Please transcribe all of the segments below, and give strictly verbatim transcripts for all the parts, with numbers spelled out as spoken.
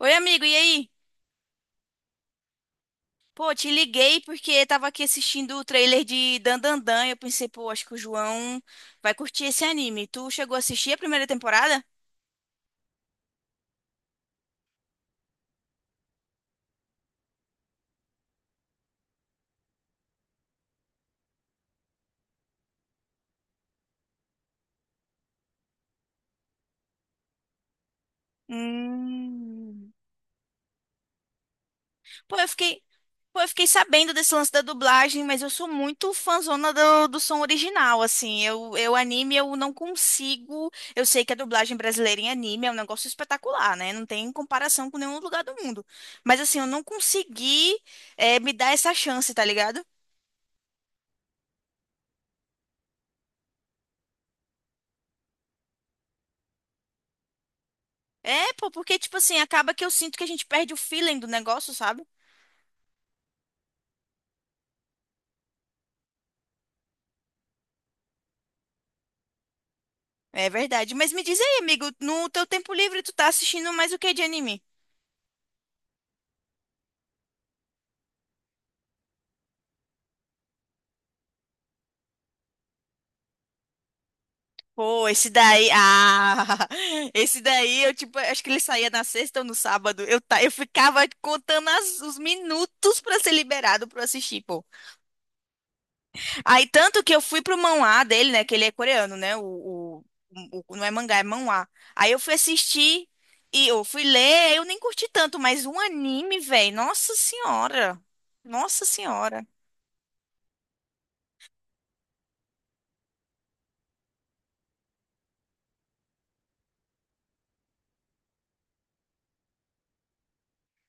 Oi, amigo, e aí? Pô, te liguei porque tava aqui assistindo o trailer de Dandandan e eu pensei, pô, acho que o João vai curtir esse anime. Tu chegou a assistir a primeira temporada? Hum. Pô, eu fiquei, pô, eu fiquei sabendo desse lance da dublagem, mas eu sou muito fãzona do, do som original, assim. Eu, eu anime, eu não consigo. Eu sei que a dublagem brasileira em anime é um negócio espetacular, né? Não tem comparação com nenhum lugar do mundo. Mas assim, eu não consegui, eh, me dar essa chance, tá ligado? É, pô, porque, tipo assim, acaba que eu sinto que a gente perde o feeling do negócio, sabe? É verdade. Mas me diz aí, amigo, no teu tempo livre tu tá assistindo mais o que de anime? Pô, esse daí. Ah! Esse daí, eu, tipo, acho que ele saía na sexta ou no sábado. Eu, tá, eu ficava contando as- os minutos pra ser liberado pra eu assistir, pô. Aí, tanto que eu fui pro manhwa dele, né? Que ele é coreano, né? O, o, o- não é mangá, é manhwa. Aí eu fui assistir e eu fui ler, eu nem curti tanto, mas um anime, velho. Nossa senhora. Nossa senhora.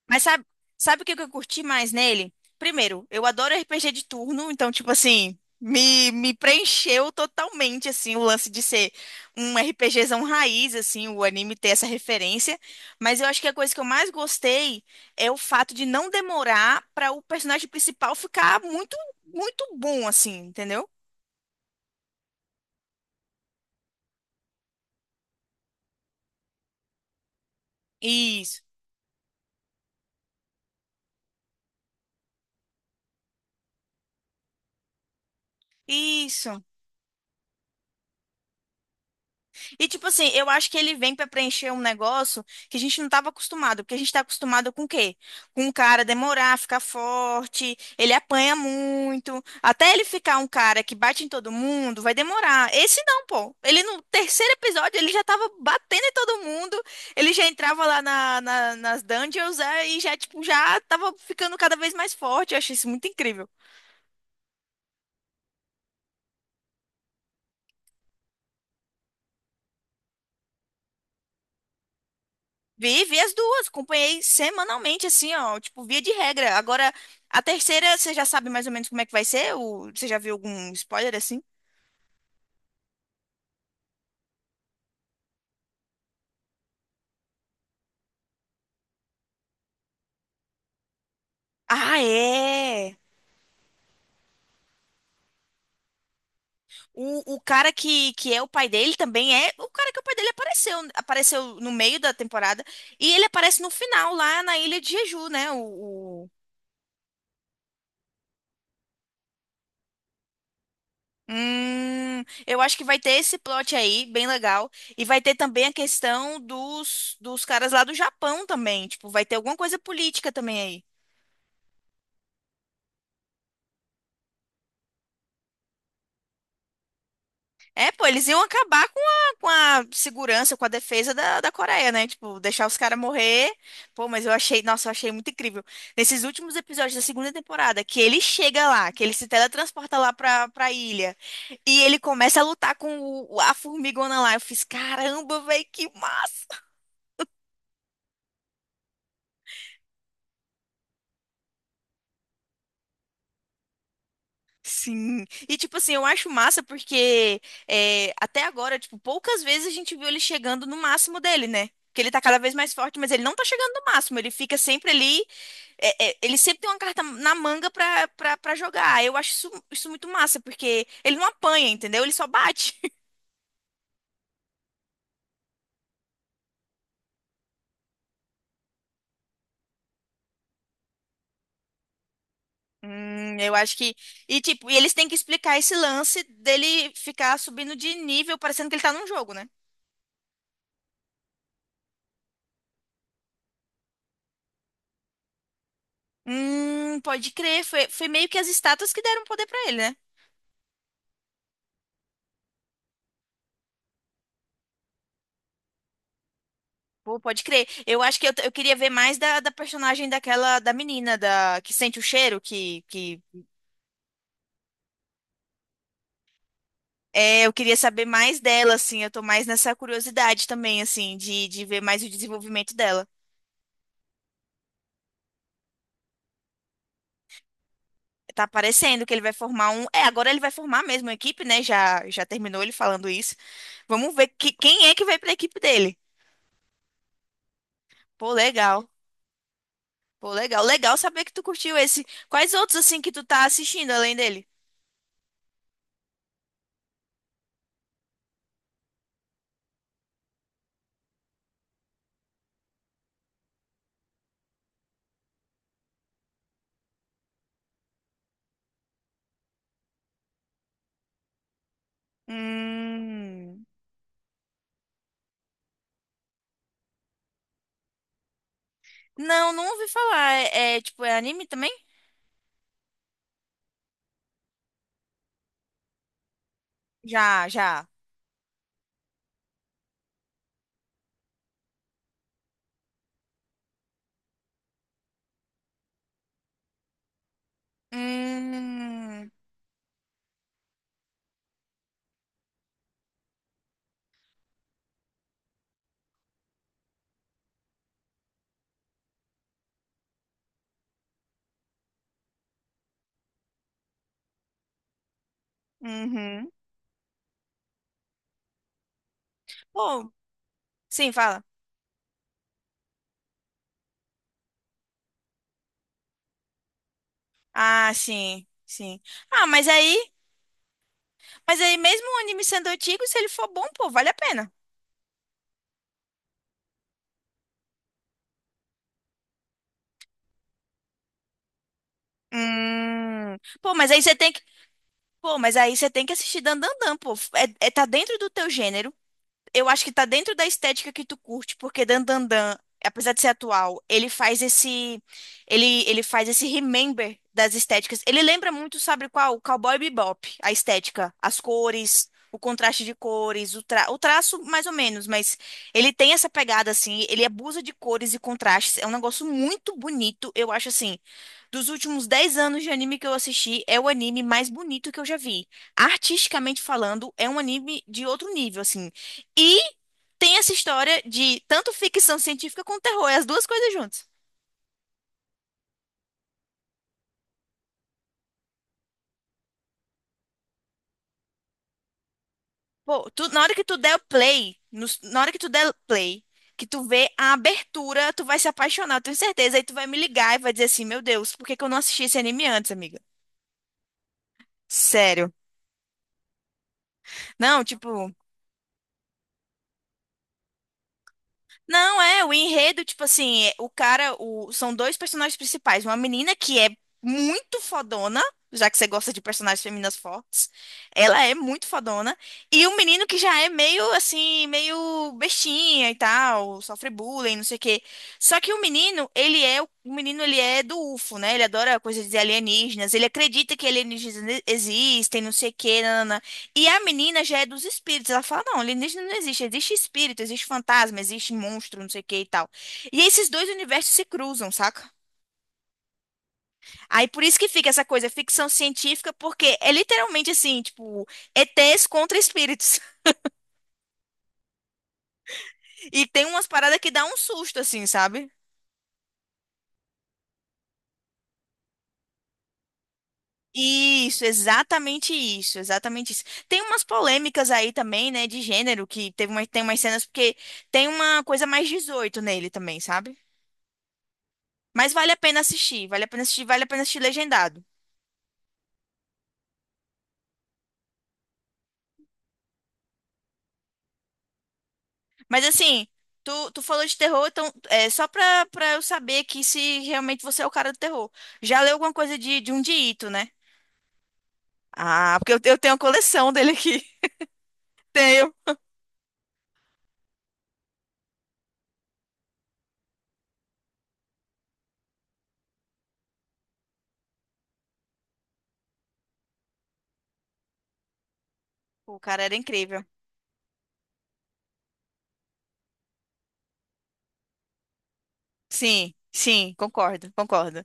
Mas sabe, sabe o que que eu curti mais nele? Primeiro, eu adoro R P G de turno, então, tipo assim, me, me preencheu totalmente, assim, o lance de ser um RPGzão raiz, assim, o anime ter essa referência. Mas eu acho que a coisa que eu mais gostei é o fato de não demorar para o personagem principal ficar muito, muito bom, assim, entendeu? Isso, isso. E, tipo assim, eu acho que ele vem pra preencher um negócio que a gente não tava acostumado. Porque a gente tá acostumado com o quê? Com o cara demorar, ficar forte, ele apanha muito. Até ele ficar um cara que bate em todo mundo, vai demorar. Esse não, pô. Ele no terceiro episódio, ele já tava batendo em todo mundo. Ele já entrava lá na- na- nas dungeons é, e já, tipo, já tava ficando cada vez mais forte. Eu achei isso muito incrível. Vi, vi as duas, acompanhei semanalmente, assim, ó, tipo, via de regra. Agora, a terceira, você já sabe mais ou menos como é que vai ser? Ou você já viu algum spoiler, assim? Ah, é! O, o cara que, que é o pai dele também é o cara que é o pai dele apareceu, apareceu no meio da temporada, e ele aparece no final, lá na Ilha de Jeju, né? O, o- Hum, eu acho que vai ter esse plot aí, bem legal. E vai ter também a questão dos, dos caras lá do Japão também. Tipo, vai ter alguma coisa política também aí. É, pô, eles iam acabar com a, com a segurança, com a defesa da, da Coreia, né? Tipo, deixar os caras morrer. Pô, mas eu achei, nossa, eu achei muito incrível. Nesses últimos episódios da segunda temporada, que ele chega lá, que ele se teletransporta lá pra, pra ilha, e ele começa a lutar com o- a formigona lá. Eu fiz, caramba, velho, que massa! Sim. E, tipo assim, eu acho massa porque é, até agora, tipo, poucas vezes a gente viu ele chegando no máximo dele, né? Porque ele tá cada vez mais forte, mas ele não tá chegando no máximo. Ele fica sempre ali é- é, ele sempre tem uma carta na manga pra, pra, pra jogar. Eu acho isso, isso muito massa, porque ele não apanha, entendeu? Ele só bate. Hum, eu acho que. E, tipo, e eles têm que explicar esse lance dele ficar subindo de nível, parecendo que ele tá num jogo, né? Hum, pode crer. Foi, foi meio que as estátuas que deram poder pra ele, né? Pô, pode crer. Eu acho que eu, eu queria ver mais da, da personagem daquela, da menina, da, que sente o cheiro, que, que É, eu queria saber mais dela, assim. Eu tô mais nessa curiosidade também, assim, de, de ver mais o desenvolvimento dela. Tá parecendo que ele vai formar um. É, agora ele vai formar mesmo a equipe, né? Já, já terminou ele falando isso. Vamos ver que, quem é que vai pra equipe dele. Pô, legal. Pô, legal. Legal saber que tu curtiu esse. Quais outros, assim, que tu tá assistindo além dele? Hum. Não, não ouvi falar. É, é, tipo, é anime também? Já, já. Hum. Uhum. Pô, sim, fala. Ah, sim, sim. Ah, mas aí, mas aí mesmo o anime sendo antigo, se ele for bom, pô, vale a pena. Hum. Pô, mas aí você tem que, pô, mas aí você tem que assistir Dandadan, pô. É, é- tá dentro do teu gênero. Eu acho que tá dentro da estética que tu curte, porque Dan Dan Dan, apesar de ser atual, ele faz esse ele ele faz esse remember das estéticas. Ele lembra muito, sabe qual? O Cowboy Bebop, a estética, as cores, o contraste de cores, o, tra... o traço mais ou menos, mas ele tem essa pegada assim, ele abusa de cores e contrastes. É um negócio muito bonito, eu acho assim. Dos últimos dez anos de anime que eu assisti, é o anime mais bonito que eu já vi artisticamente falando, é um anime de outro nível, assim. E tem essa história de tanto ficção científica quanto terror, é as duas coisas juntas. Pô, tu- na hora que tu der o play, no- na hora que tu der play, que tu vê a abertura, tu vai se apaixonar, eu tenho certeza. Aí tu vai me ligar e vai dizer assim, meu Deus, por que que eu não assisti esse anime antes, amiga? Sério. Não, tipo, não, é, o enredo, tipo assim, é, o cara, o, são dois personagens principais, uma menina que é muito fodona, já que você gosta de personagens femininas fortes, ela é muito fodona, e um menino que já é meio, assim, meio bestinha e tal, sofre bullying, não sei o quê. Só que o menino, ele é, o o menino, ele é do U F O, né? Ele adora coisas de alienígenas, ele acredita que alienígenas existem, não sei o quê, nananã. E a menina já é dos espíritos. Ela fala, não, alienígena não existe. Existe espírito, existe fantasma, existe monstro, não sei o que e tal. E esses dois universos se cruzam, saca? Aí por isso que fica essa coisa, ficção científica, porque é literalmente assim, tipo, E Ts contra espíritos. E tem umas paradas que dá um susto, assim, sabe? Isso, exatamente isso, exatamente isso. Tem umas polêmicas aí também, né, de gênero, que teve uma, tem umas cenas, porque tem uma coisa mais dezoito nele também, sabe? Mas vale a pena assistir, vale a pena assistir, vale a pena assistir legendado. Mas assim, tu, tu falou de terror, então é só pra, pra eu saber aqui se realmente você é o cara do terror. Já leu alguma coisa de, de um Ito, né? Ah, porque eu, eu tenho a coleção dele aqui. Tenho. O cara era incrível. Sim, sim, concordo, concordo.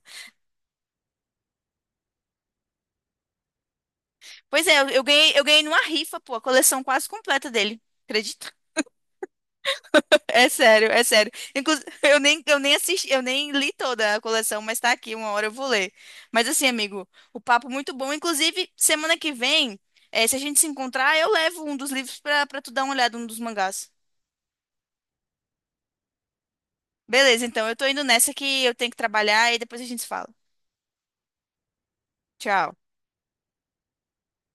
Pois é, eu, eu ganhei, eu ganhei numa rifa, pô, a coleção quase completa dele. Acredita? É sério, é sério. Inclusive, eu nem, eu nem assisti, eu nem li toda a coleção, mas tá aqui, uma hora eu vou ler. Mas assim, amigo, o papo muito bom. Inclusive, semana que vem, eh, se a gente se encontrar, eu levo um dos livros pra, pra tu dar uma olhada, um dos mangás. Beleza, então, eu tô indo nessa que eu tenho que trabalhar e depois a gente se fala. Tchau.